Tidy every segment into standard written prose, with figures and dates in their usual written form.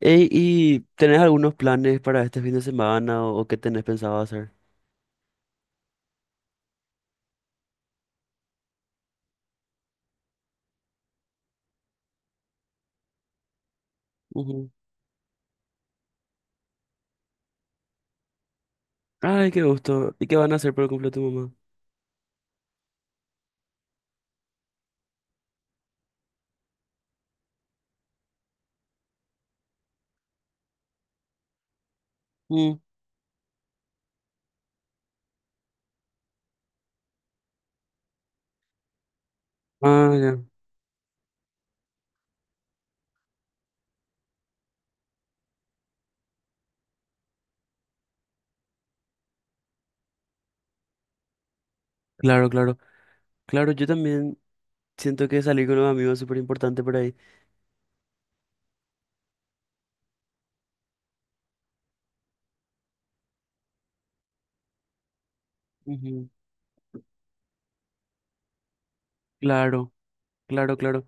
Ey, ¿y tenés algunos planes para este fin de semana o qué tenés pensado hacer? Ujú. Ay, qué gusto. ¿Y qué van a hacer por el cumple de tu mamá? Mm. Ah, ya. Claro, claro. Claro, yo también siento que salir con los amigos es súper importante por ahí. Ujú. Claro, claro, claro.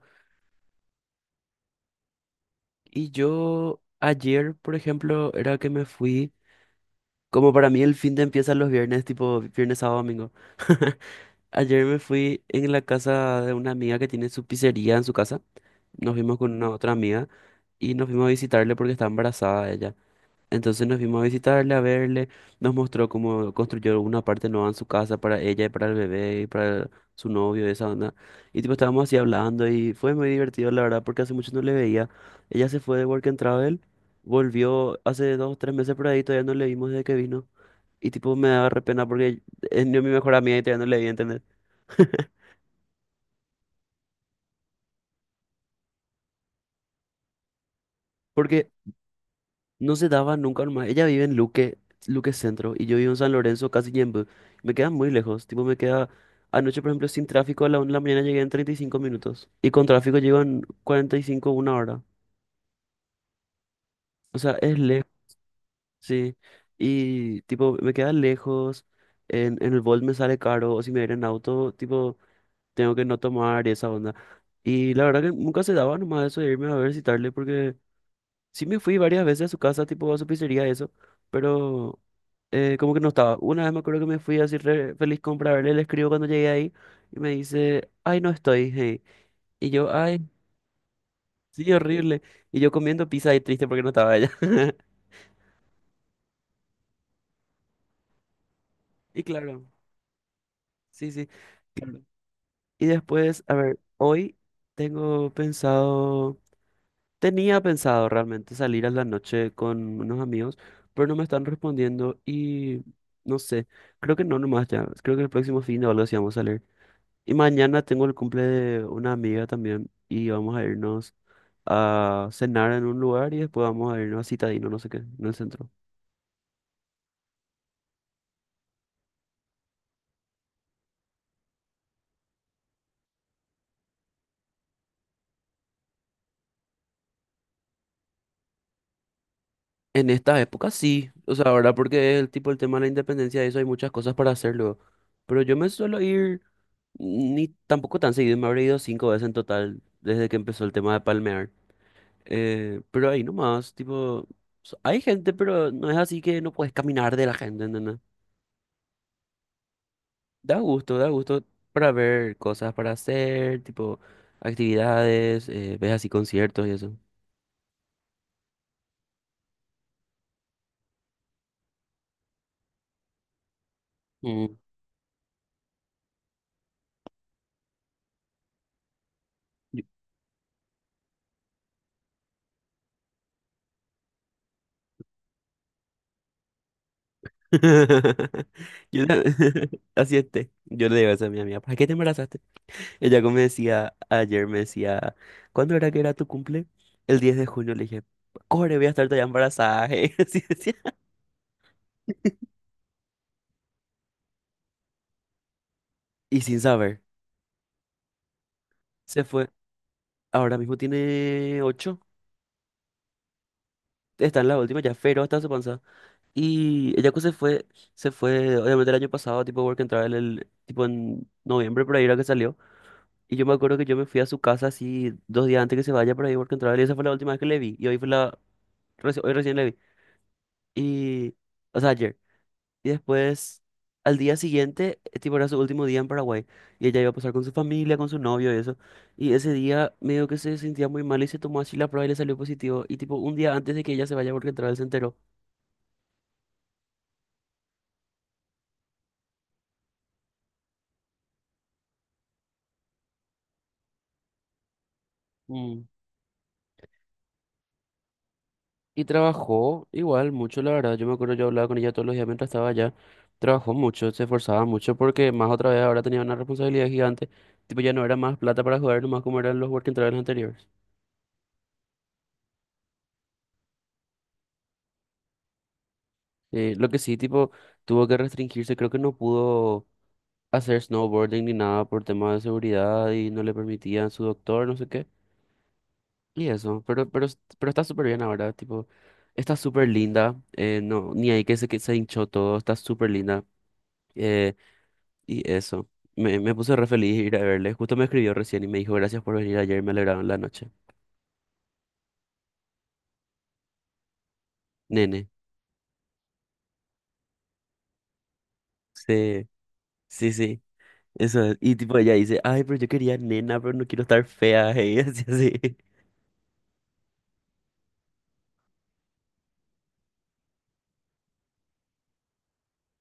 Y yo ayer, por ejemplo, era que me fui, como para mí el fin de empieza los viernes, tipo viernes, sábado, domingo. Ayer me fui en la casa de una amiga que tiene su pizzería en su casa. Nos vimos con una otra amiga y nos fuimos a visitarle porque está embarazada ella. Entonces nos fuimos a visitarle, a verle, nos mostró cómo construyó una parte nueva en su casa para ella y para el bebé y para su novio y esa onda. Y tipo estábamos así hablando y fue muy divertido la verdad porque hace mucho no le veía. Ella se fue de Work and Travel, volvió hace 2 o 3 meses por ahí, todavía no le vimos desde que vino. Y tipo me daba re pena porque es ni mi mejor amiga y todavía no le vi, ¿entendés? Porque no se daba nunca nomás. Ella vive en Luque, Luque Centro, y yo vivo en San Lorenzo, casi Ñemby. Me queda muy lejos. Tipo, me queda anoche, por ejemplo, sin tráfico a la una de la mañana llegué en 35 minutos. Y con tráfico llego en 45, una hora. O sea, es lejos, sí. Y tipo, me queda lejos. En el Bolt me sale caro. O si me voy en auto, tipo, tengo que no tomar y esa onda. Y la verdad que nunca se daba nomás eso de irme a visitarle porque sí me fui varias veces a su casa, tipo, a su pizzería, eso. Pero como que no estaba. Una vez me acuerdo que me fui así re feliz comprarle, le escribo cuando llegué ahí y me dice, ay, no estoy, hey. Y yo, ay, sí, horrible. Y yo comiendo pizza y triste porque no estaba ella. Y claro, sí, sí, claro. Y después, a ver, hoy tengo pensado, tenía pensado realmente salir a la noche con unos amigos, pero no me están respondiendo y no sé, creo que no nomás ya, creo que el próximo fin de algo sí vamos a salir. Y mañana tengo el cumple de una amiga también y vamos a irnos a cenar en un lugar y después vamos a irnos a Citadino, no sé qué, en el centro. En estas épocas sí, o sea, ahora porque el tipo el tema de la independencia y eso hay muchas cosas para hacerlo, pero yo me suelo ir ni tampoco tan seguido, me habré ido 5 veces en total desde que empezó el tema de palmear. Pero ahí nomás, tipo, hay gente, pero no es así que no puedes caminar de la gente, ¿entendés? Da gusto para ver cosas para hacer, tipo actividades, ves así conciertos y eso. Mm. Yo Yo ta- así esté. Yo le digo eso a mi amiga, ¿para qué te embarazaste? Ella como me decía ayer, me decía, ¿cuándo era que era tu cumple? El 10 de junio le dije, corre, voy a estar ya embarazada. así decía. Y sin saber, se fue. Ahora mismo tiene ocho, está en la última ya, pero hasta su panza. Y el Yaku se fue, obviamente el año pasado, tipo Work and Travel, el, tipo en noviembre por ahí era que salió. Y yo me acuerdo que yo me fui a su casa así 2 días antes que se vaya por ahí Work and Travel y esa fue la última vez que le vi. Y hoy fue la, hoy recién le vi. Y, o sea, ayer. Y después, al día siguiente, tipo era su último día en Paraguay. Y ella iba a pasar con su familia, con su novio y eso. Y ese día medio que se sentía muy mal y se tomó así la prueba y le salió positivo. Y tipo un día antes de que ella se vaya a Work and Travel se enteró. Y trabajó igual mucho, la verdad. Yo me acuerdo, yo hablaba con ella todos los días mientras estaba allá. Trabajó mucho, se esforzaba mucho porque más otra vez ahora tenía una responsabilidad gigante. Tipo, ya no era más plata para jugar, nomás como eran los working travels anteriores. Lo que sí, tipo, tuvo que restringirse. Creo que no pudo hacer snowboarding ni nada por temas de seguridad y no le permitían su doctor, no sé qué. Y eso, pero está súper bien ahora, tipo, está súper linda. No, ni ahí que se, hinchó todo, está súper linda. Eh, Y eso, me puse re feliz ir a verle. Justo me escribió recién y me dijo, gracias por venir ayer, me alegraron la noche. Nene. Sí, sí, sí. Eso es. Y tipo ella dice, ay, pero yo quería nena, pero no quiero estar fea. Y así, así.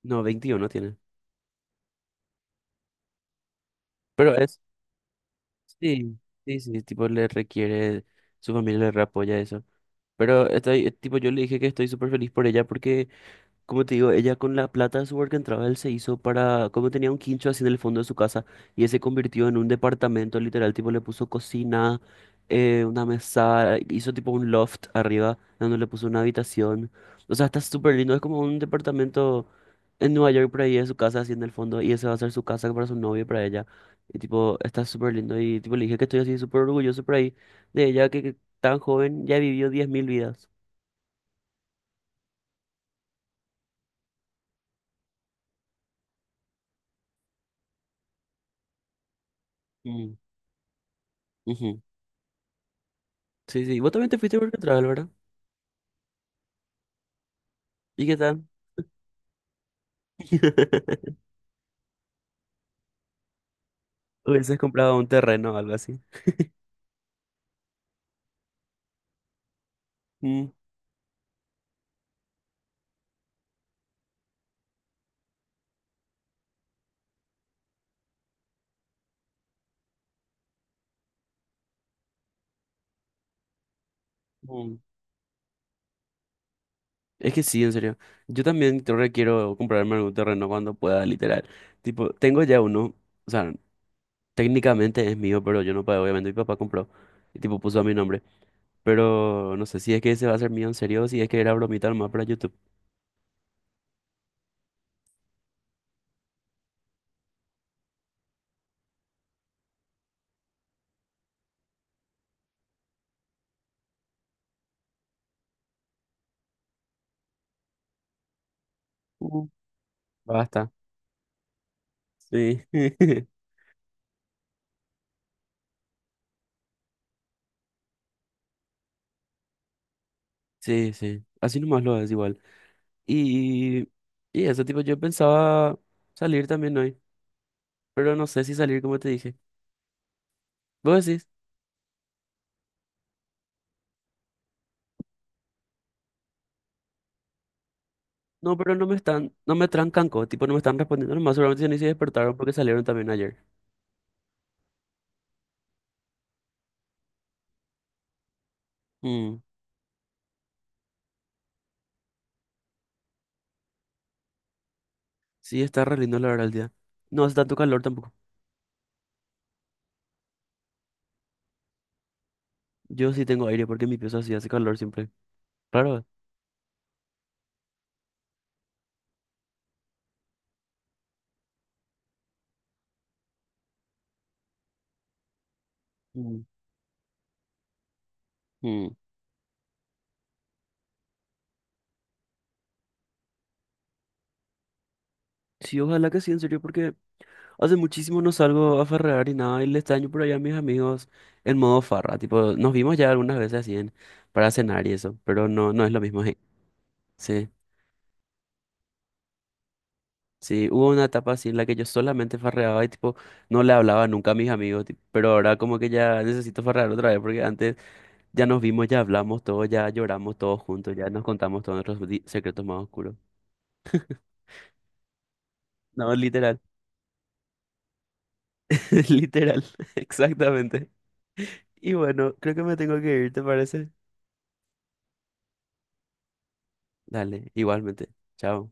No, 21 tiene. Pero es, sí, sí, sí, tipo le requiere, su familia le re apoya eso. Pero estoy, tipo, yo le dije que estoy súper feliz por ella porque, como te digo, ella con la plata de su work and travel se hizo para, como tenía un quincho así en el fondo de su casa y ese convirtió en un departamento literal, tipo le puso cocina, una mesa, hizo tipo un loft arriba donde le puso una habitación. O sea, está súper lindo, es como un departamento en Nueva York por ahí de su casa así en el fondo y ese va a ser su casa para su novio y para ella. Y tipo, está súper lindo y tipo le dije que estoy así súper orgulloso por ahí de ella, que tan joven ya vivió 10.000 vidas. Mm, ujú. Sí, sí, vos también te fuiste a work and travel, ¿verdad? ¿Y qué tal? Hubieses comprado un terreno o algo así. Mm, mm. Es que sí, en serio. Yo también creo que quiero comprarme algún terreno cuando pueda, literal. Tipo, tengo ya uno. O sea, técnicamente es mío, pero yo no pagué. Obviamente mi papá compró. Y tipo, puso a mi nombre. Pero no sé si es que ese va a ser mío en serio o si es que era bromita nomás para YouTube. Mm. Basta. Sí. Sí, sí. Así nomás lo es igual. Y, y eso, tipo, yo pensaba salir también hoy. Pero no sé si salir como te dije. Vos decís, no, pero no me están, no me trancanco, tipo, no me están respondiendo nomás, seguramente ya ni se despertaron porque salieron también ayer. Mm, sí, está re lindo la verdad el día. No hace tanto calor tampoco. Yo sí tengo aire porque mi pieza sí hace calor siempre. Claro. Mm, mm. Sí, ojalá que sí, en serio, porque hace muchísimo no salgo a farrear y nada, y le extraño por allá a mis amigos en modo farra. Tipo, nos vimos ya algunas veces así en, para cenar y eso, pero no, no es lo mismo. Sí. Sí, hubo una etapa así en la que yo solamente farreaba y tipo no le hablaba nunca a mis amigos, tipo, pero ahora como que ya necesito farrear otra vez porque antes ya nos vimos, ya hablamos todos, ya lloramos todos juntos, ya nos contamos todos nuestros secretos más oscuros. No, literal, literal, exactamente. Y bueno, creo que me tengo que ir, ¿te parece? Dale, igualmente. Chao.